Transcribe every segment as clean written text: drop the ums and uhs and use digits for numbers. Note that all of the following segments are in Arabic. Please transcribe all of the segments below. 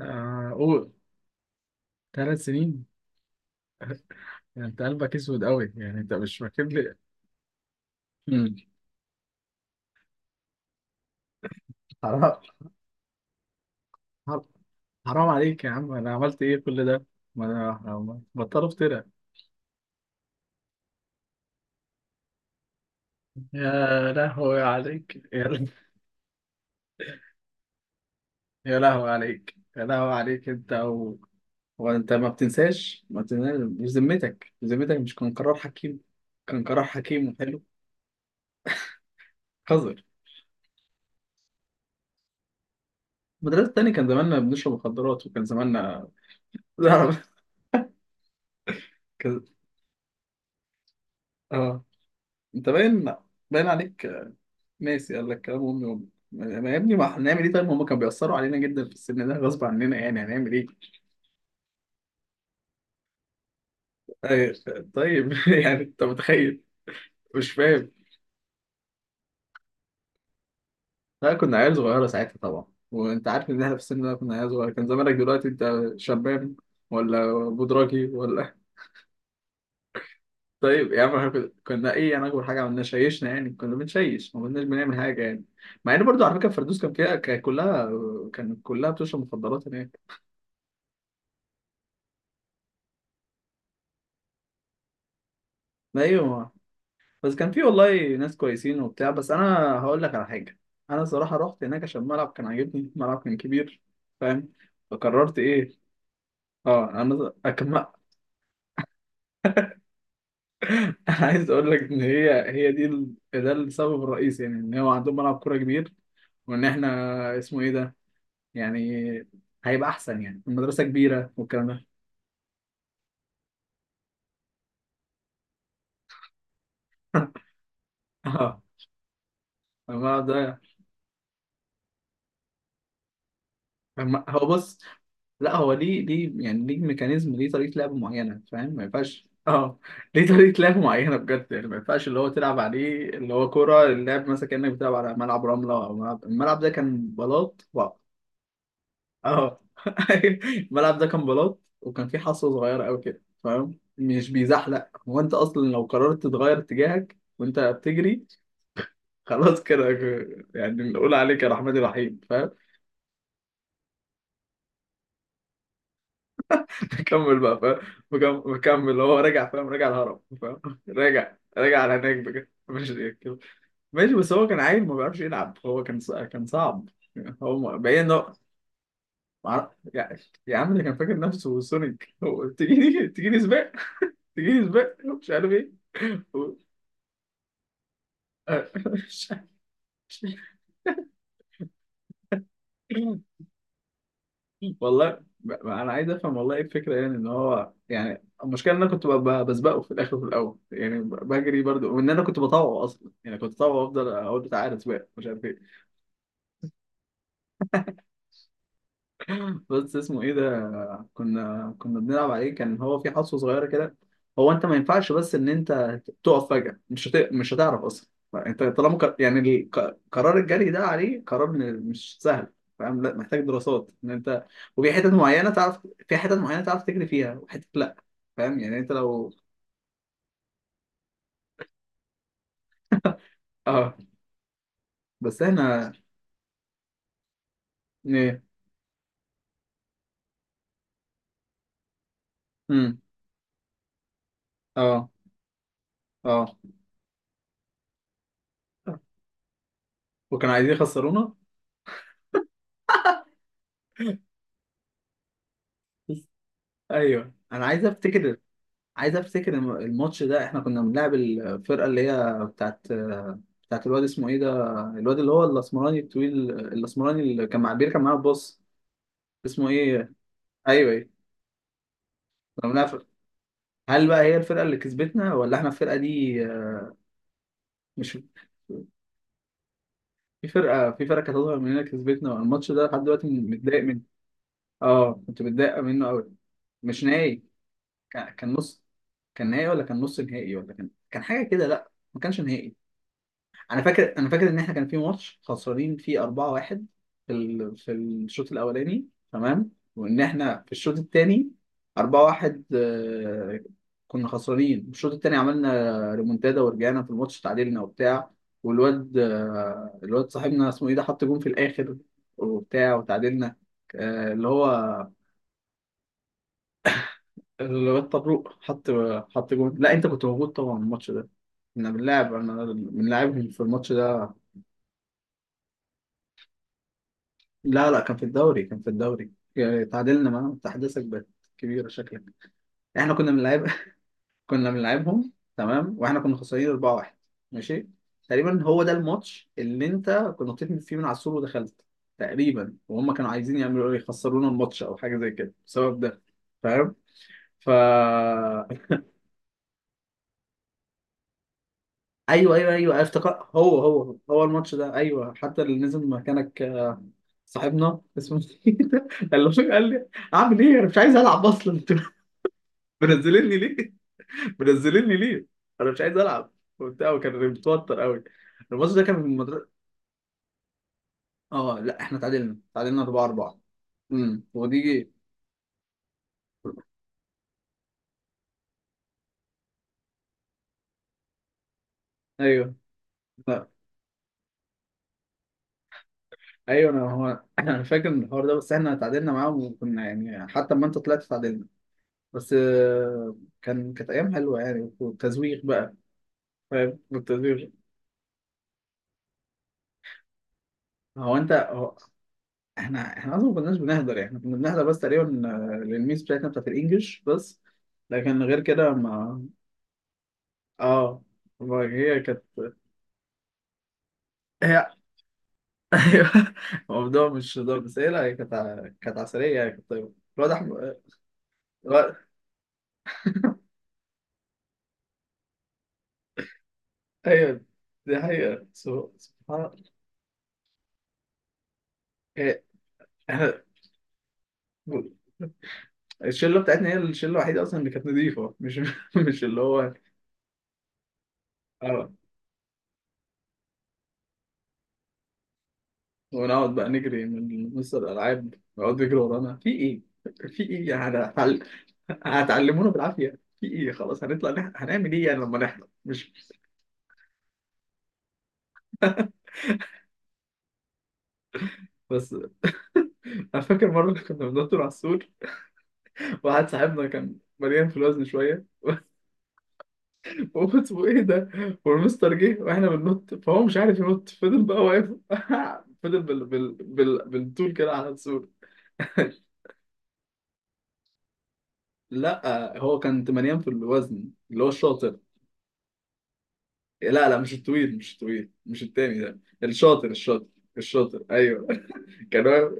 آه، قول. 3 سنين. يعني انت قلبك اسود قوي؟ يعني انت مش فاكر لي. مم. حرام. حرام. حرام عليك يا عم، انا عملت ايه كل ده؟ ما انا بطلوا افترى. يا لهوي عليك يا لهوي عليك، يا لهوي عليك انت و. وانت ما بتنساش، ما بتنساش. مش ذمتك، ذمتك مش كان قرار حكيم؟ كان قرار حكيم وحلو. قذر. المدرسة التاني كان زماننا بنشرب مخدرات، وكان زماننا. كان. اه. انت باين عليك ناسي، قال لك كلام امي وامي. ما يا ابني، ما هنعمل ايه؟ طيب هم كانوا بيأثروا علينا جدا في السن ده غصب عننا، يعني هنعمل ايه؟ طيب. طيب. يعني انت متخيل؟ مش فاهم. لا، كنا عيال صغيرة ساعتها طبعا. وانت عارف ان احنا في السن ده كنا عيال صغيرة، كان زمانك دلوقتي انت شباب، ولا بودراجي ولا. طيب يا عم، احنا كنا ايه يعني؟ اكبر حاجة عملنا شيشنا، يعني كنا بنشيش، ما كناش بنعمل حاجة يعني. مع ان برضو على فكرة الفردوس كان كلها بتشرب مخدرات هناك. ايوه. بس كان في والله ناس كويسين وبتاع، بس انا هقول لك على حاجه. انا صراحه رحت هناك عشان الملعب كان عاجبني، الملعب كان كبير. فاهم؟ فقررت ايه؟ اه انا انا عايز اقول لك ان هي دي ده السبب الرئيسي، يعني ان هو عندهم ملعب كوره كبير. وان احنا. اسمه ايه ده؟ يعني هيبقى احسن يعني، المدرسه كبيره والكلام ده. اه الملعب ده. فاهم؟ هو بص، لا هو ليه يعني، ليه ميكانيزم، ليه طريقة لعب معينة، فاهم؟ ما ينفعش. اه ليه طريقة لعب معينة بجد يعني، ما ينفعش اللي هو تلعب عليه اللي هو كورة اللعب مثلا، كأنك بتلعب على ملعب رملة أو ملعب، الملعب ده كان بلاط و. اه، الملعب ده كان بلاط وكان فيه حصة صغيرة أوي كده، فاهم؟ مش بيزحلق هو، أنت أصلا لو قررت تغير اتجاهك وأنت بتجري خلاص كده. يعني نقول عليك يا رحمن الرحيم، فاهم. كمل بقى، فاهم. مكمل هو، راجع فاهم، راجع الهرم فاهم، راجع على هناك بجد مش كده. ماشي بس هو كان عيل ما بيعرفش يلعب، هو كان كان صعب. هو باين ان هو. مع- يا يا عم ده كان فاكر نفسه سونيك، هو تجيني سباق، تجيني سباق مش عارف ايه. هو. آه، مش عارف. والله انا عايز افهم والله، ايه الفكره يعني؟ ان هو يعني المشكله ان انا كنت بسبقه في الاخر وفي الاول، يعني بجري برضو، وان انا كنت بطوع اصلا، يعني كنت بطوع وافضل اقول بتاع عارف سباق مش عارف ايه. بس اسمه ايه ده؟ كنا بنلعب عليه كان هو في حصوة صغيرة كده. هو انت ما ينفعش بس ان انت تقف فجأة، مش هتعرف اصلا. انت طالما ك... يعني ال- ك- قرار الجري ده عليه، مش سهل، فاهم؟ لا محتاج دراسات ان انت. وفي حتت معينة تعرف، في حتت معينة تعرف تجري فيها وحتت لا، فاهم؟ يعني انت لو. اه. بس احنا. ايه. امم اه. اه، وكانوا عايزين يخسرونا. ايوه انا عايز افتكر، عايز افتكر الماتش ده احنا كنا بنلعب الفرقه اللي هي بتاعت، بتاعت الواد اسمه ايه ده، الواد اللي هو الاسمراني الطويل، الاسمراني اللي كان مع بيركب معانا الباص، اسمه ايه؟ ايوه ايه، كنا بنلعب فرقة. هل بقى هي الفرقه اللي كسبتنا ولا احنا الفرقه دي؟ مش. في فرقه، في فرقه كانت هتظهر مننا كسبتنا الماتش ده، لحد دلوقتي متضايق منه. اه كنت متضايق منه قوي. مش نهائي، كان نص. كان نهائي ولا كان نص نهائي ولا كان، كان حاجه كده، لا ما كانش نهائي. انا فاكر ان احنا كان في ماتش خسرانين فيه 4-1 في ال. في الشوط الاولاني، تمام. وان احنا في الشوط الثاني 4-1، كنا خسرانين الشوط الثاني، عملنا ريمونتادا ورجعنا في الماتش تعادلنا وبتاع. والواد الواد صاحبنا اسمه ايه ده حط جون في الاخر وبتاع وتعادلنا، اللي هو الواد طبروق حط جون. لا انت كنت موجود طبعا الماتش ده، احنا بنلعب انا بنلعبهم في الماتش ده. لا لا، كان في الدوري، كان في الدوري، يعني تعادلنا معاهم. تحديثك بقت كبيرة شكلك، احنا كنا بنلعب. كنا بنلعبهم تمام واحنا كنا خسرانين 4-1. ماشي، تقريبا هو ده الماتش اللي انت كنت نطيت فيه من على السور ودخلت تقريبا، وهم كانوا عايزين يعملوا ايه، يخسرونا الماتش او حاجة زي كده بسبب ده، فاهم. فا ايوه، ايوه، ايوه، أيوه، افتكر. هو الماتش ده ايوه، حتى اللي نزل مكانك صاحبنا اسمه إيه ده؟ قال له، قال لي اعمل ايه، انا مش عايز العب اصلا. منزليني ليه؟ منزليني ليه؟ انا مش عايز العب. وبتاع وكان متوتر قوي، الماتش ده كان من المدرسه. اه لا، احنا تعادلنا، تعادلنا 4 4. امم، ودي. ايوه. لا ايوه، انا هو. انا فاكر من الحوار ده، بس احنا تعادلنا معاهم وكنا يعني حتى لما انت طلعت تعادلنا بس. كانت ايام حلوه يعني، والتزويق بقى، فاهم. والتزويق. هو انت هو، احنا اصلا ما كناش بنهدر، يعني كنا بنهدر بس تقريبا للميس بتاعتنا بتاعت الانجليش بس، لكن غير كده ما. اه، ما هي كانت. هي. ايوه. الموضوع مش هزار، بس هي، لا هي كانت كانت عسلية يعني، كانت طيبة. الواد أحمد، الواد- ايوه، دي حقيقة سبحان الله. هي- إحنا- الشلة بتاعتنا هي الشلة الوحيدة أصلا اللي كانت نظيفة، مش مش اللي هو. اه. ونقعد بقى نجري من مستر الألعاب، نقعد نجري ورانا في إيه؟ في إيه يعني، هتعلمونا بالعافية في إيه؟ خلاص هنطلع، هنعمل إيه يعني لما نحضر؟ مش. بس أنا فاكر مرة كنا بندور على السور، واحد صاحبنا كان مليان في الوزن شويه، وقلت له ايه ده. والمستر جه واحنا بننط، فهو مش عارف ينط، فضل بقى واقف. فضل بالطول كده على السور. لا هو كان مليان في الوزن، اللي هو الشاطر. لا لا، مش الطويل، مش التاني ده، الشاطر. الشاطر، الشاطر ايوه. كان واقف،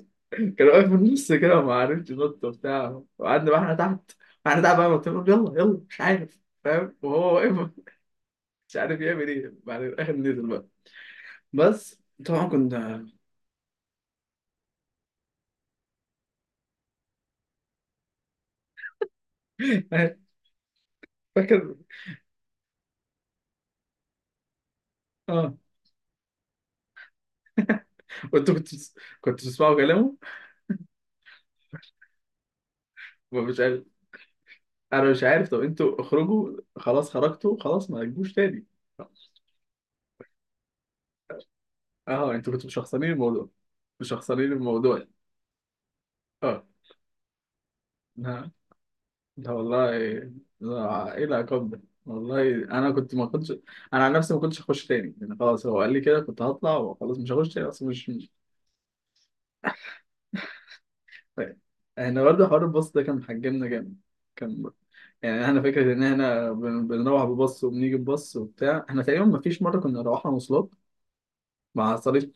كان واقف في النص كده وما عرفش ينط وبتاع. وقعدنا بقى احنا تحت، احنا تحت بقى نط، يلا يلا، مش عارف فاهم، وهو واقف مش عارف يعمل ايه. بعد الاخر نزل بقى، بس طبعا كنا. فاكر. اه وانتوا كنتوا بتسمعوا كلامه؟ مش عارف، انا مش عارف. طب انتوا اخرجوا خلاص، خرجتوا خلاص ما تجيبوش تاني. اه انتوا كنتوا مشخصنين الموضوع، مشخصنين الموضوع. اه. لا. لا والله، لا ايه العقاب ده والله، انا كنت ما كنتش. انا عن نفسي ما كنتش هخش تاني يعني، خلاص هو قال لي كده كنت هطلع وخلاص، مش هخش تاني اصلا، مش فاهم. احنا برضه حوار الباص ده كان محجمنا جامد، كان يعني احنا فكره ان احنا بنروح بباص وبنيجي بباص وبتاع، احنا تقريبا ما فيش مره كنا روحنا مواصلات مع صريف.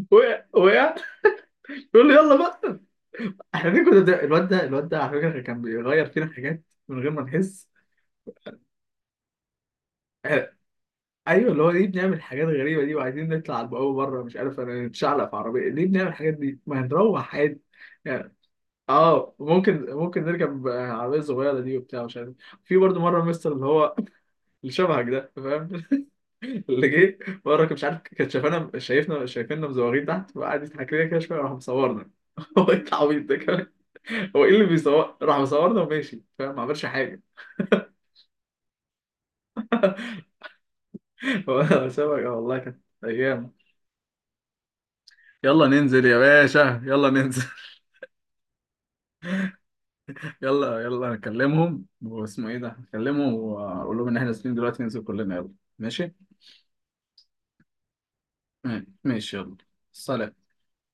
وقع، وقع. يقول لي يلا بقى. احنا دي كنا، ده الواد ده، الواد ده على فكره كان بيغير فينا حاجات من غير ما نحس. آه، ايوه اللي هو ليه بنعمل حاجات غريبه دي، وعايزين نطلع على البقوه بره مش عارف، انا نتشعلق في عربيه ليه؟ بنعمل الحاجات دي، ما هنروح عادي يعني. اه ممكن، نركب عربيه صغيره دي وبتاع، مش عارف. في برضه مره مستر اللي هو اللي شبهك ده، فاهم، اللي جه بره كان مش عارف، كان شايفانا شايفنا شايفيننا مزوغين تحت، وقعد يضحك لنا كده شويه، راح مصورنا. هو ايه العبيط ده كمان، هو ايه اللي بيصور، راح مصورنا وماشي فاهم، ما عملش حاجه. هو سابك. آه والله كانت ايام. يلا ننزل يا باشا، يلا ننزل. يلا نكلمهم، واسمه ايه ده، نكلمهم واقول لهم ان احنا نازلين دلوقتي، ننزل كلنا، يلا. ماشي، ماشي يلا. سلام.